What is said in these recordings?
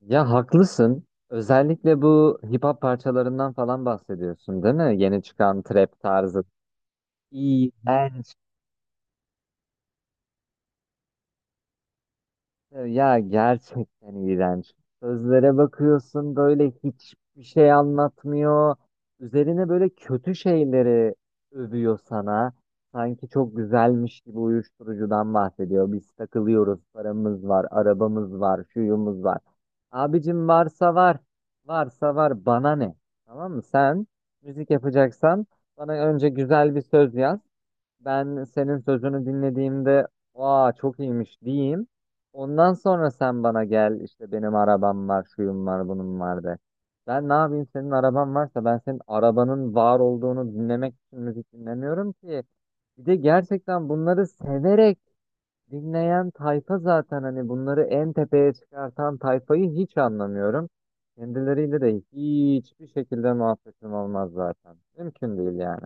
Ya haklısın. Özellikle bu hip hop parçalarından falan bahsediyorsun, değil mi? Yeni çıkan trap tarzı. İğrenç. Ya gerçekten iğrenç. Sözlere bakıyorsun böyle hiçbir şey anlatmıyor. Üzerine böyle kötü şeyleri övüyor sana. Sanki çok güzelmiş gibi uyuşturucudan bahsediyor. Biz takılıyoruz, paramız var, arabamız var, şuyumuz var. Abicim varsa var, varsa var bana ne? Tamam mı? Sen müzik yapacaksan bana önce güzel bir söz yaz, ben senin sözünü dinlediğimde aa çok iyiymiş diyeyim. Ondan sonra sen bana gel işte benim arabam var, şuyum var, bunun var de. Ben ne yapayım senin araban varsa, ben senin arabanın var olduğunu dinlemek için müzik dinlemiyorum ki. Bir de gerçekten bunları severek dinleyen tayfa zaten, hani bunları en tepeye çıkartan tayfayı hiç anlamıyorum. Kendileriyle de hiçbir şekilde muhabbetim olmaz zaten. Mümkün değil yani.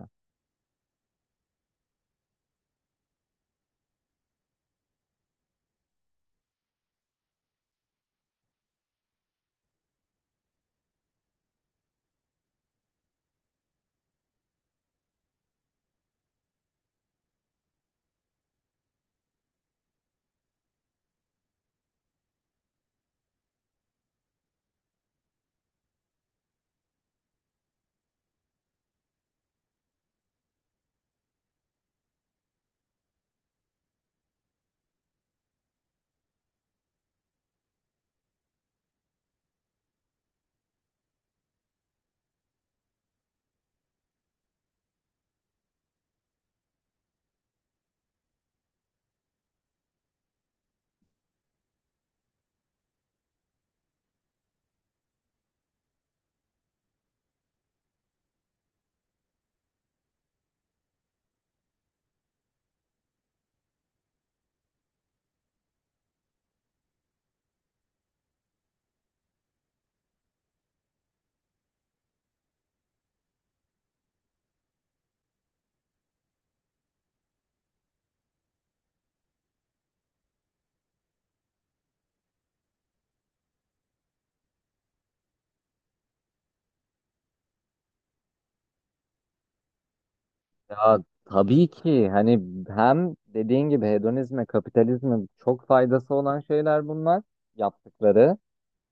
Ya tabii ki hani hem dediğin gibi hedonizme, kapitalizme çok faydası olan şeyler bunlar yaptıkları.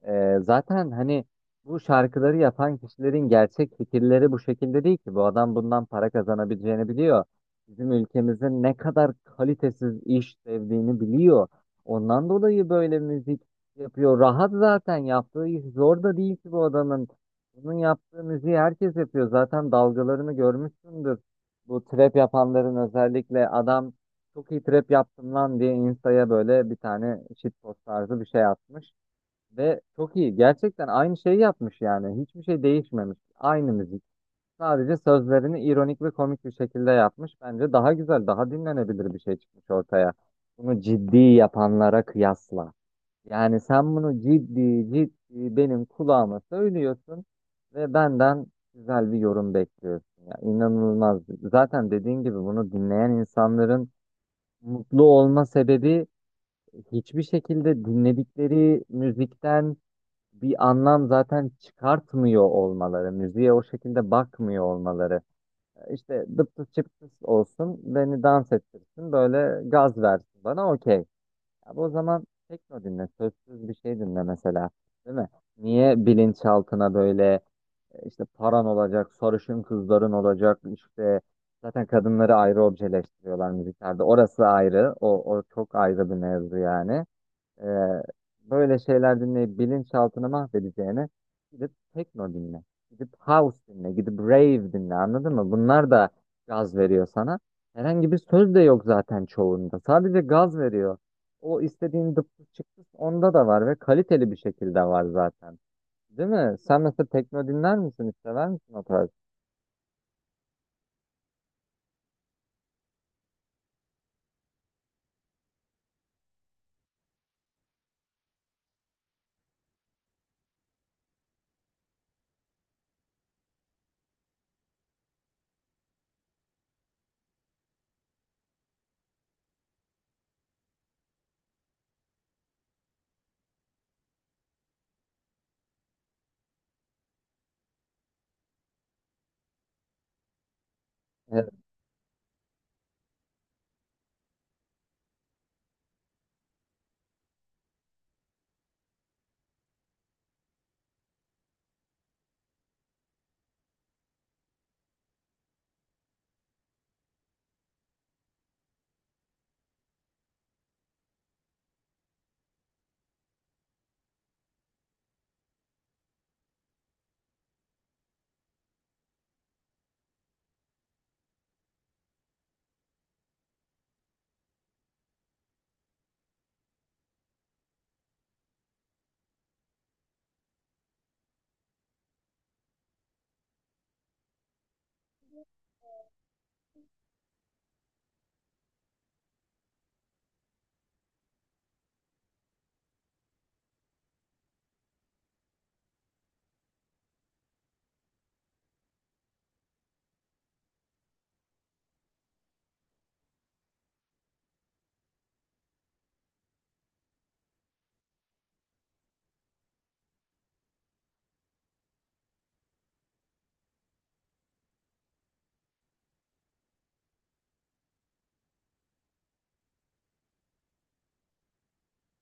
Zaten hani bu şarkıları yapan kişilerin gerçek fikirleri bu şekilde değil ki. Bu adam bundan para kazanabileceğini biliyor. Bizim ülkemizin ne kadar kalitesiz iş sevdiğini biliyor. Ondan dolayı böyle müzik yapıyor. Rahat zaten, yaptığı iş zor da değil ki bu adamın. Bunun yaptığı müziği herkes yapıyor. Zaten dalgalarını görmüşsündür. Bu trap yapanların, özellikle adam çok iyi trap yaptım lan diye Insta'ya böyle bir tane shitpost tarzı bir şey atmış. Ve çok iyi. Gerçekten aynı şeyi yapmış yani. Hiçbir şey değişmemiş. Aynı müzik. Sadece sözlerini ironik ve komik bir şekilde yapmış. Bence daha güzel, daha dinlenebilir bir şey çıkmış ortaya. Bunu ciddi yapanlara kıyasla. Yani sen bunu ciddi ciddi benim kulağıma söylüyorsun ve benden güzel bir yorum bekliyorsun. Ya inanılmaz. Zaten dediğin gibi bunu dinleyen insanların mutlu olma sebebi hiçbir şekilde dinledikleri müzikten bir anlam zaten çıkartmıyor olmaları, müziğe o şekilde bakmıyor olmaları. İşte dıptıs çıptıs olsun, beni dans ettirsin, böyle gaz versin bana, okey. Abi o zaman tekno dinle, sözsüz bir şey dinle mesela, değil mi? Niye bilinçaltına böyle işte paran olacak, sarışın kızların olacak, işte zaten kadınları ayrı objeleştiriyorlar müziklerde. Orası ayrı, o çok ayrı bir mevzu yani. Ee, Böyle şeyler dinleyip bilinçaltını mahvedeceğine gidip tekno dinle. Gidip house dinle. Gidip rave dinle. Anladın mı? Bunlar da gaz veriyor sana. Herhangi bir söz de yok zaten çoğunda. Sadece gaz veriyor. O istediğin dıptı çıktı onda da var ve kaliteli bir şekilde var zaten. Değil mi? Sen mesela tekno dinler misin? Hiç sever misin o tarz?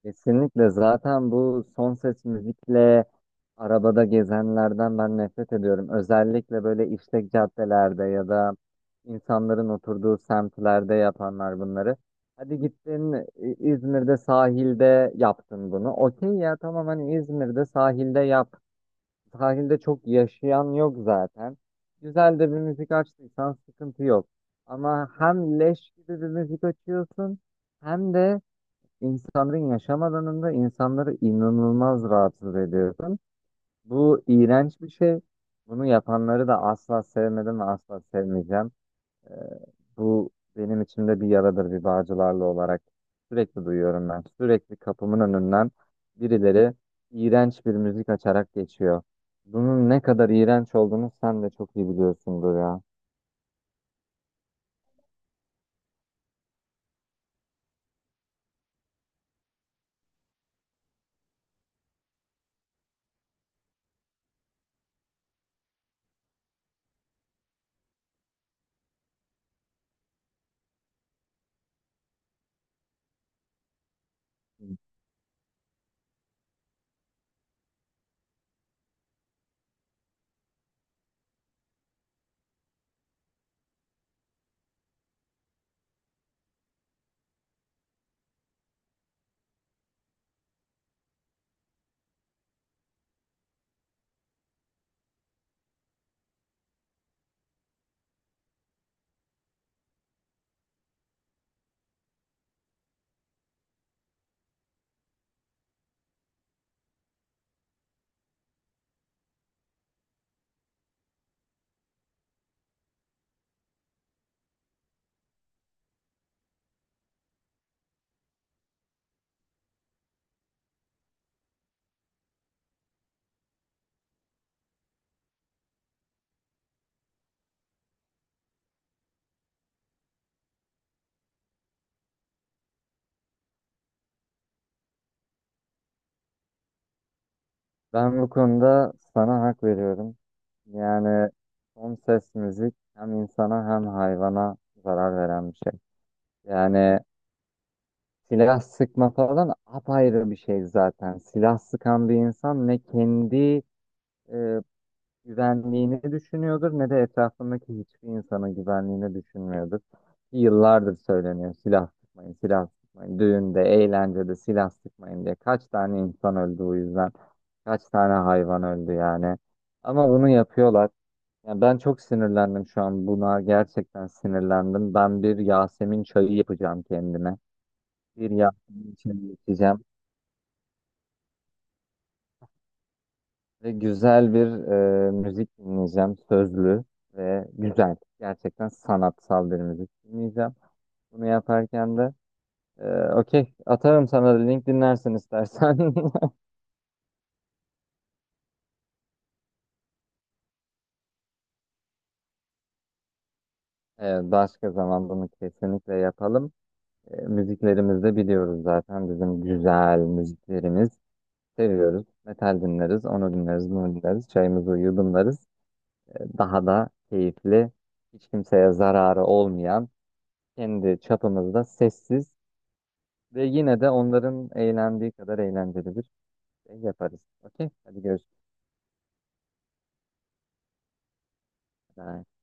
Kesinlikle, zaten bu son ses müzikle arabada gezenlerden ben nefret ediyorum. Özellikle böyle işlek caddelerde ya da insanların oturduğu semtlerde yapanlar bunları. Hadi gittin İzmir'de sahilde yaptın bunu. Okey ya, tamam, hani İzmir'de sahilde yap. Sahilde çok yaşayan yok zaten. Güzel de bir müzik açtıysan sıkıntı yok. Ama hem leş gibi bir müzik açıyorsun hem de İnsanların yaşam alanında insanları inanılmaz rahatsız ediyorsun. Bu iğrenç bir şey. Bunu yapanları da asla sevmedim ve asla sevmeyeceğim. Ee, Bu benim içimde bir yaradır bir Bağcılarlı olarak. Sürekli duyuyorum ben. Sürekli kapımın önünden birileri iğrenç bir müzik açarak geçiyor. Bunun ne kadar iğrenç olduğunu sen de çok iyi biliyorsundur ya. Ben bu konuda sana hak veriyorum. Yani son ses müzik hem insana hem hayvana zarar veren bir şey. Yani silah sıkma falan apayrı bir şey zaten. Silah sıkan bir insan ne kendi e, güvenliğini düşünüyordur ne de etrafındaki hiçbir insanın güvenliğini düşünmüyordur. Yıllardır söyleniyor silah sıkmayın, silah sıkmayın. Düğünde, eğlencede silah sıkmayın diye. Kaç tane insan öldü o yüzden. Kaç tane hayvan öldü yani. Ama bunu yapıyorlar. Yani ben çok sinirlendim şu an buna. Gerçekten sinirlendim. Ben bir Yasemin çayı yapacağım kendime. Bir Yasemin çayı içeceğim. Ve güzel bir müzik dinleyeceğim. Sözlü ve güzel. Gerçekten sanatsal bir müzik dinleyeceğim. Bunu yaparken de okey atarım sana, da link dinlersin istersen. Başka zaman bunu kesinlikle yapalım. Müziklerimizi de biliyoruz zaten. Bizim güzel müziklerimiz. Seviyoruz. Metal dinleriz, onu dinleriz, bunu dinleriz. Çayımızı yudumlarız. Daha da keyifli, hiç kimseye zararı olmayan, kendi çapımızda sessiz ve yine de onların eğlendiği kadar eğlenceli bir şey yaparız. Okey, hadi görüşürüz. Bye.